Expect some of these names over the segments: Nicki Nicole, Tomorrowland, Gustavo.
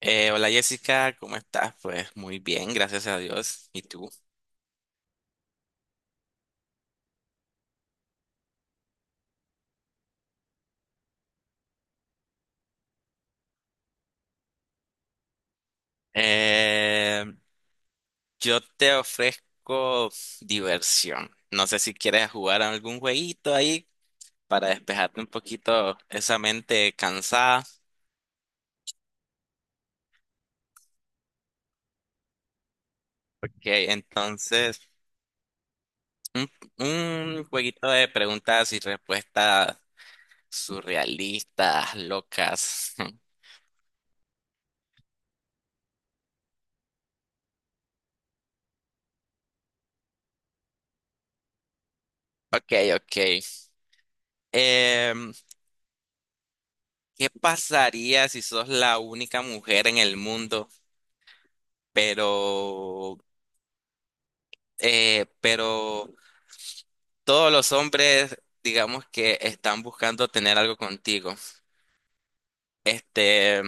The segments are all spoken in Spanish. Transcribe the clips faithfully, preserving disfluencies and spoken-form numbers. Eh, hola, Jessica, ¿cómo estás? Pues muy bien, gracias a Dios. ¿Y tú? Eh, yo te ofrezco diversión. No sé si quieres jugar a algún jueguito ahí para despejarte un poquito esa mente cansada. Ok, entonces, un, un jueguito de preguntas y respuestas surrealistas, locas. Ok, ok. Em, ¿Qué pasaría si sos la única mujer en el mundo? Pero, eh, pero todos los hombres, digamos que están buscando tener algo contigo, este,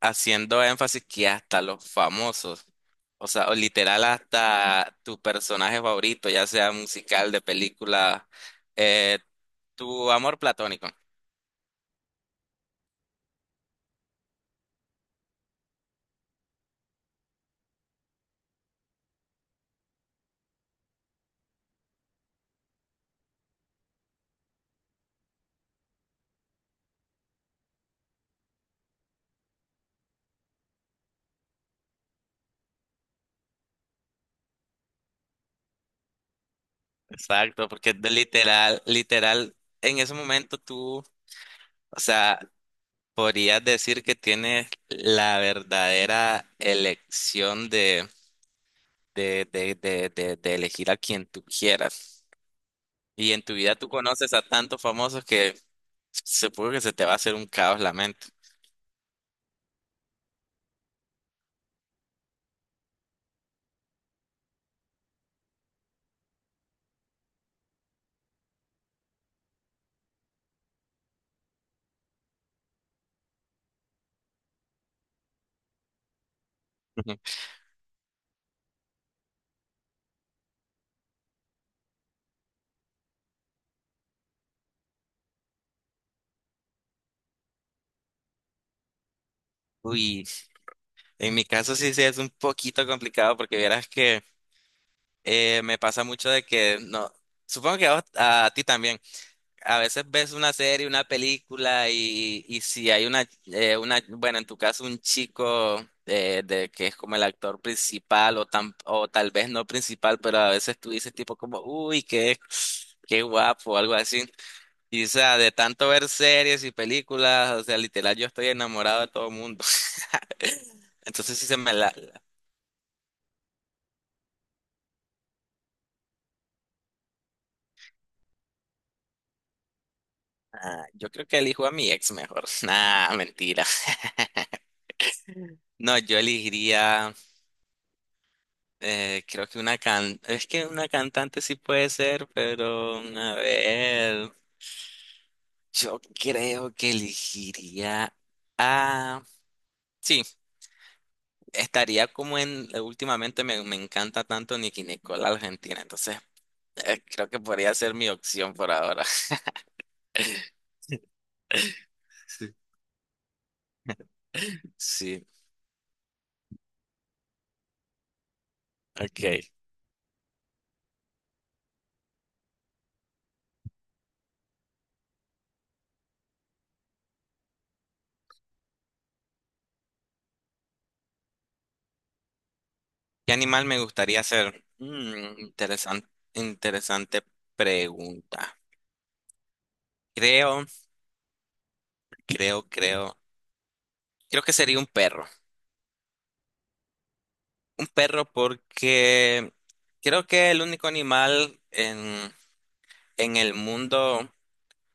haciendo énfasis que hasta los famosos, o sea, o literal hasta tu personaje favorito, ya sea musical, de película, eh, tu amor platónico. Exacto, porque de literal, literal, en ese momento tú, o sea, podrías decir que tienes la verdadera elección de de, de, de, de, de elegir a quien tú quieras. Y en tu vida tú conoces a tantos famosos que supongo que se te va a hacer un caos la mente. Uy, en mi caso sí, sí es un poquito complicado porque verás que eh, me pasa mucho de que no, supongo que a, vos- a ti también. A veces ves una serie, una película y, y si hay una, eh, una, bueno, en tu caso un chico eh, de que es como el actor principal o, tan, o tal vez no principal, pero a veces tú dices tipo como, uy, qué, qué guapo, o algo así. Y o sea, de tanto ver series y películas, o sea, literal yo estoy enamorado de todo el mundo. Entonces sí se me. La... la- ah, yo creo que elijo a mi ex mejor. Nah, mentira. No, yo elegiría. Eh, creo que una can... Es que una cantante sí puede ser, pero a ver, yo creo que elegiría a... Sí, estaría como en... Últimamente me, me encanta tanto Nicki Nicole Argentina, entonces eh, creo que podría ser mi opción por ahora. Sí. Sí, ok. ¿Qué animal me gustaría ser? Interesante, interesante pregunta. Creo, creo, creo. Creo que sería un perro. Perro porque creo que el único animal en, en el mundo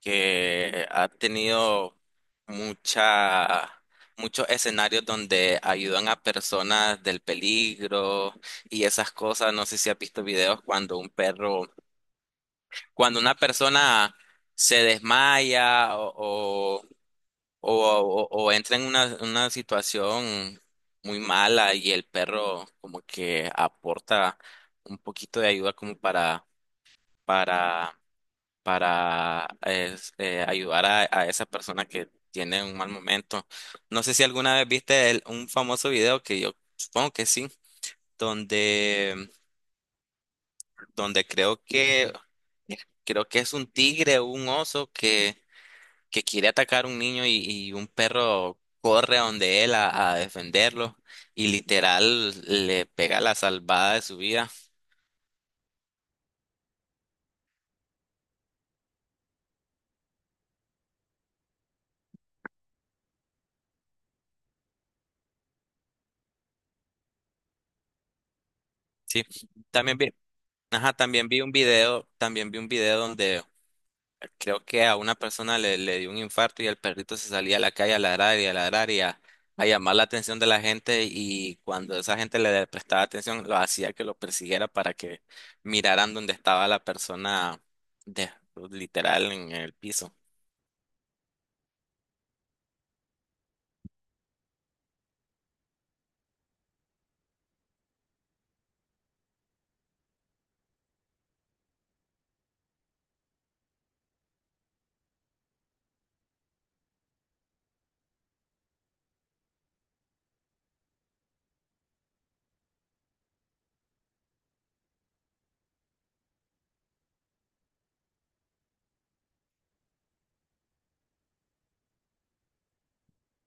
que ha tenido mucha, muchos escenarios donde ayudan a personas del peligro y esas cosas. No sé si has visto videos cuando un perro, cuando una persona se desmaya o, o, o, o entra en una, una situación muy mala y el perro como que aporta un poquito de ayuda como para, para, para es- eh, ayudar a, a esa persona que tiene un mal momento. No sé si alguna vez viste el- un famoso video que yo supongo que sí, donde, donde creo que, creo que es un tigre o un oso que quiere atacar a un niño y, y un perro corre a donde él a, a defenderlo y literal le pega la salvada de su vida. Sí, también vi, ajá, también vi un video, también vi un video donde creo que a una persona le, le dio un infarto y el perrito se salía a la calle a ladrar y a ladrar y a, a llamar la atención de la gente y cuando esa gente le prestaba atención lo hacía que lo persiguiera para que miraran dónde estaba la persona de, literal en el piso.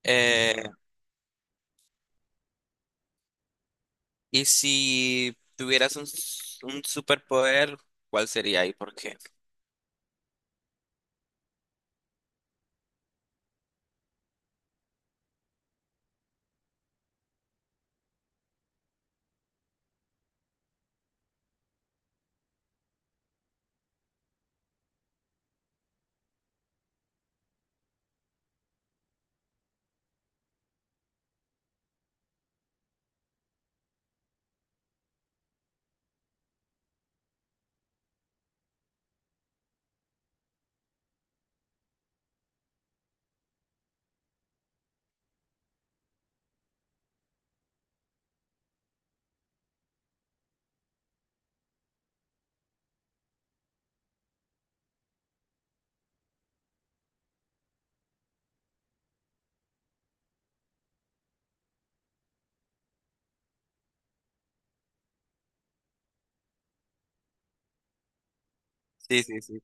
Eh, Y si tuvieras un, s- un superpoder, ¿cuál sería y por qué? Sí, sí, sí.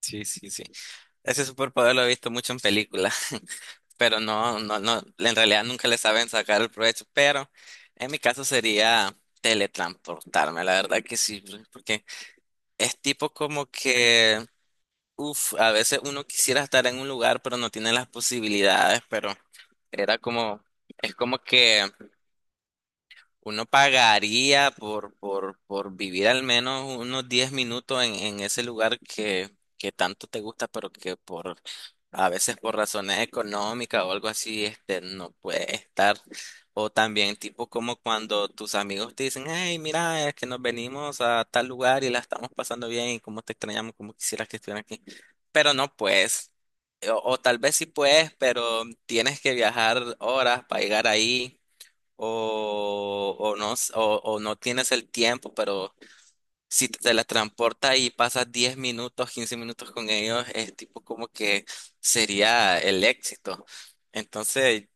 Sí, sí, sí. Sí. Ese superpoder lo he visto mucho en películas, pero no, no, no, en realidad nunca le saben sacar el provecho, pero en mi caso sería teletransportarme, la verdad que sí, porque es tipo como que, uff, a veces uno quisiera estar en un lugar, pero no tiene las posibilidades, pero era como, es como que. Uno pagaría por, por, por vivir al menos unos diez minutos en, en ese lugar que, que tanto te gusta, pero que por a veces por razones económicas o algo así, este, no puede estar. O también tipo como cuando tus amigos te dicen, hey, mira, es que nos venimos a tal lugar y la estamos pasando bien y cómo te extrañamos, cómo quisieras que estuvieran aquí. Pero no puedes. O, o tal vez sí puedes, pero tienes que viajar horas para llegar ahí o, o no, s- o, o no tienes el tiempo, pero si te la transporta y pasas diez minutos, quince minutos con ellos, es tipo como que sería el éxito. Entonces,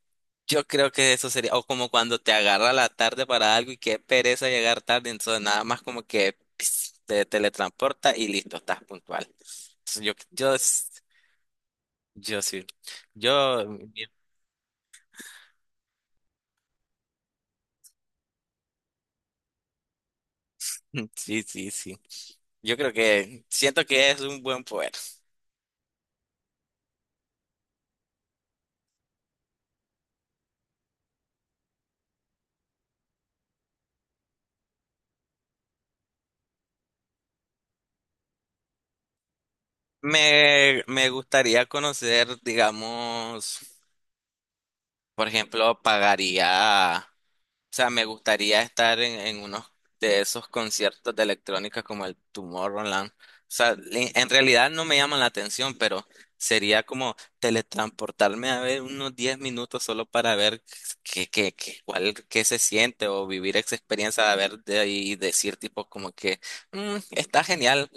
yo creo que eso sería, o como cuando te agarra la tarde para algo y qué pereza llegar tarde, entonces nada más como que pis, te teletransporta y listo, estás puntual. Entonces, yo, yo, s- yo sí, yo, sí, sí, sí. Yo creo que siento que es un buen poder. Me, me gustaría conocer, digamos, por ejemplo, pagaría. O sea, me gustaría estar en, en unos de esos conciertos de electrónica como el Tomorrowland. O sea, en, en realidad no me llaman la atención, pero sería como teletransportarme a ver unos diez minutos solo para ver qué, qué, qué, cuál, qué se siente o vivir esa experiencia de ver de ahí y decir tipo como que "Mm, está genial,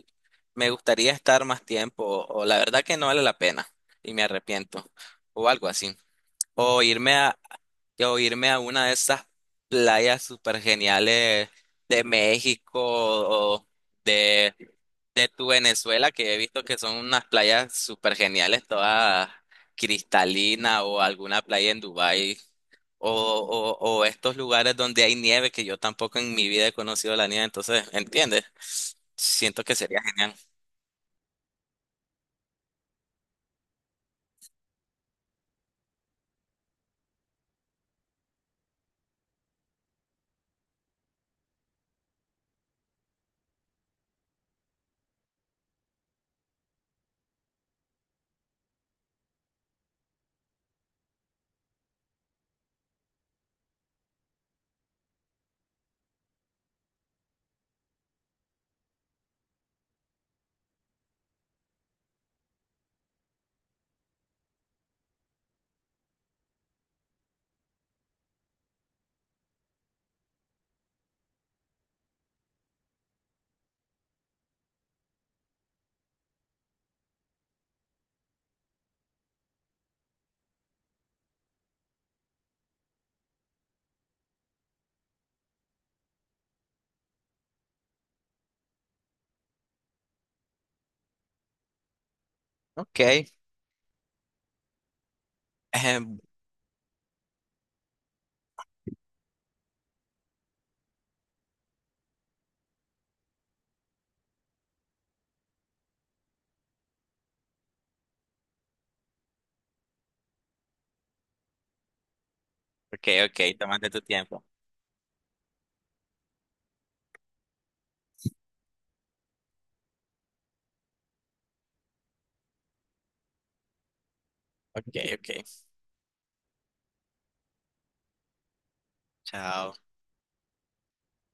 me gustaría estar más tiempo o, o la verdad que no vale la pena y me arrepiento o algo así". O irme a, que o irme a una de esas playas súper geniales de México o de, de tu Venezuela, que he visto que son unas playas súper geniales, todas cristalinas o alguna playa en Dubái. O, o, o estos lugares donde hay nieve, que yo tampoco en mi vida he conocido la nieve, entonces, ¿entiendes? Siento que sería genial. Ok. Ejem, Ok, ok, tómate tu tiempo. Ok, ok. Chao.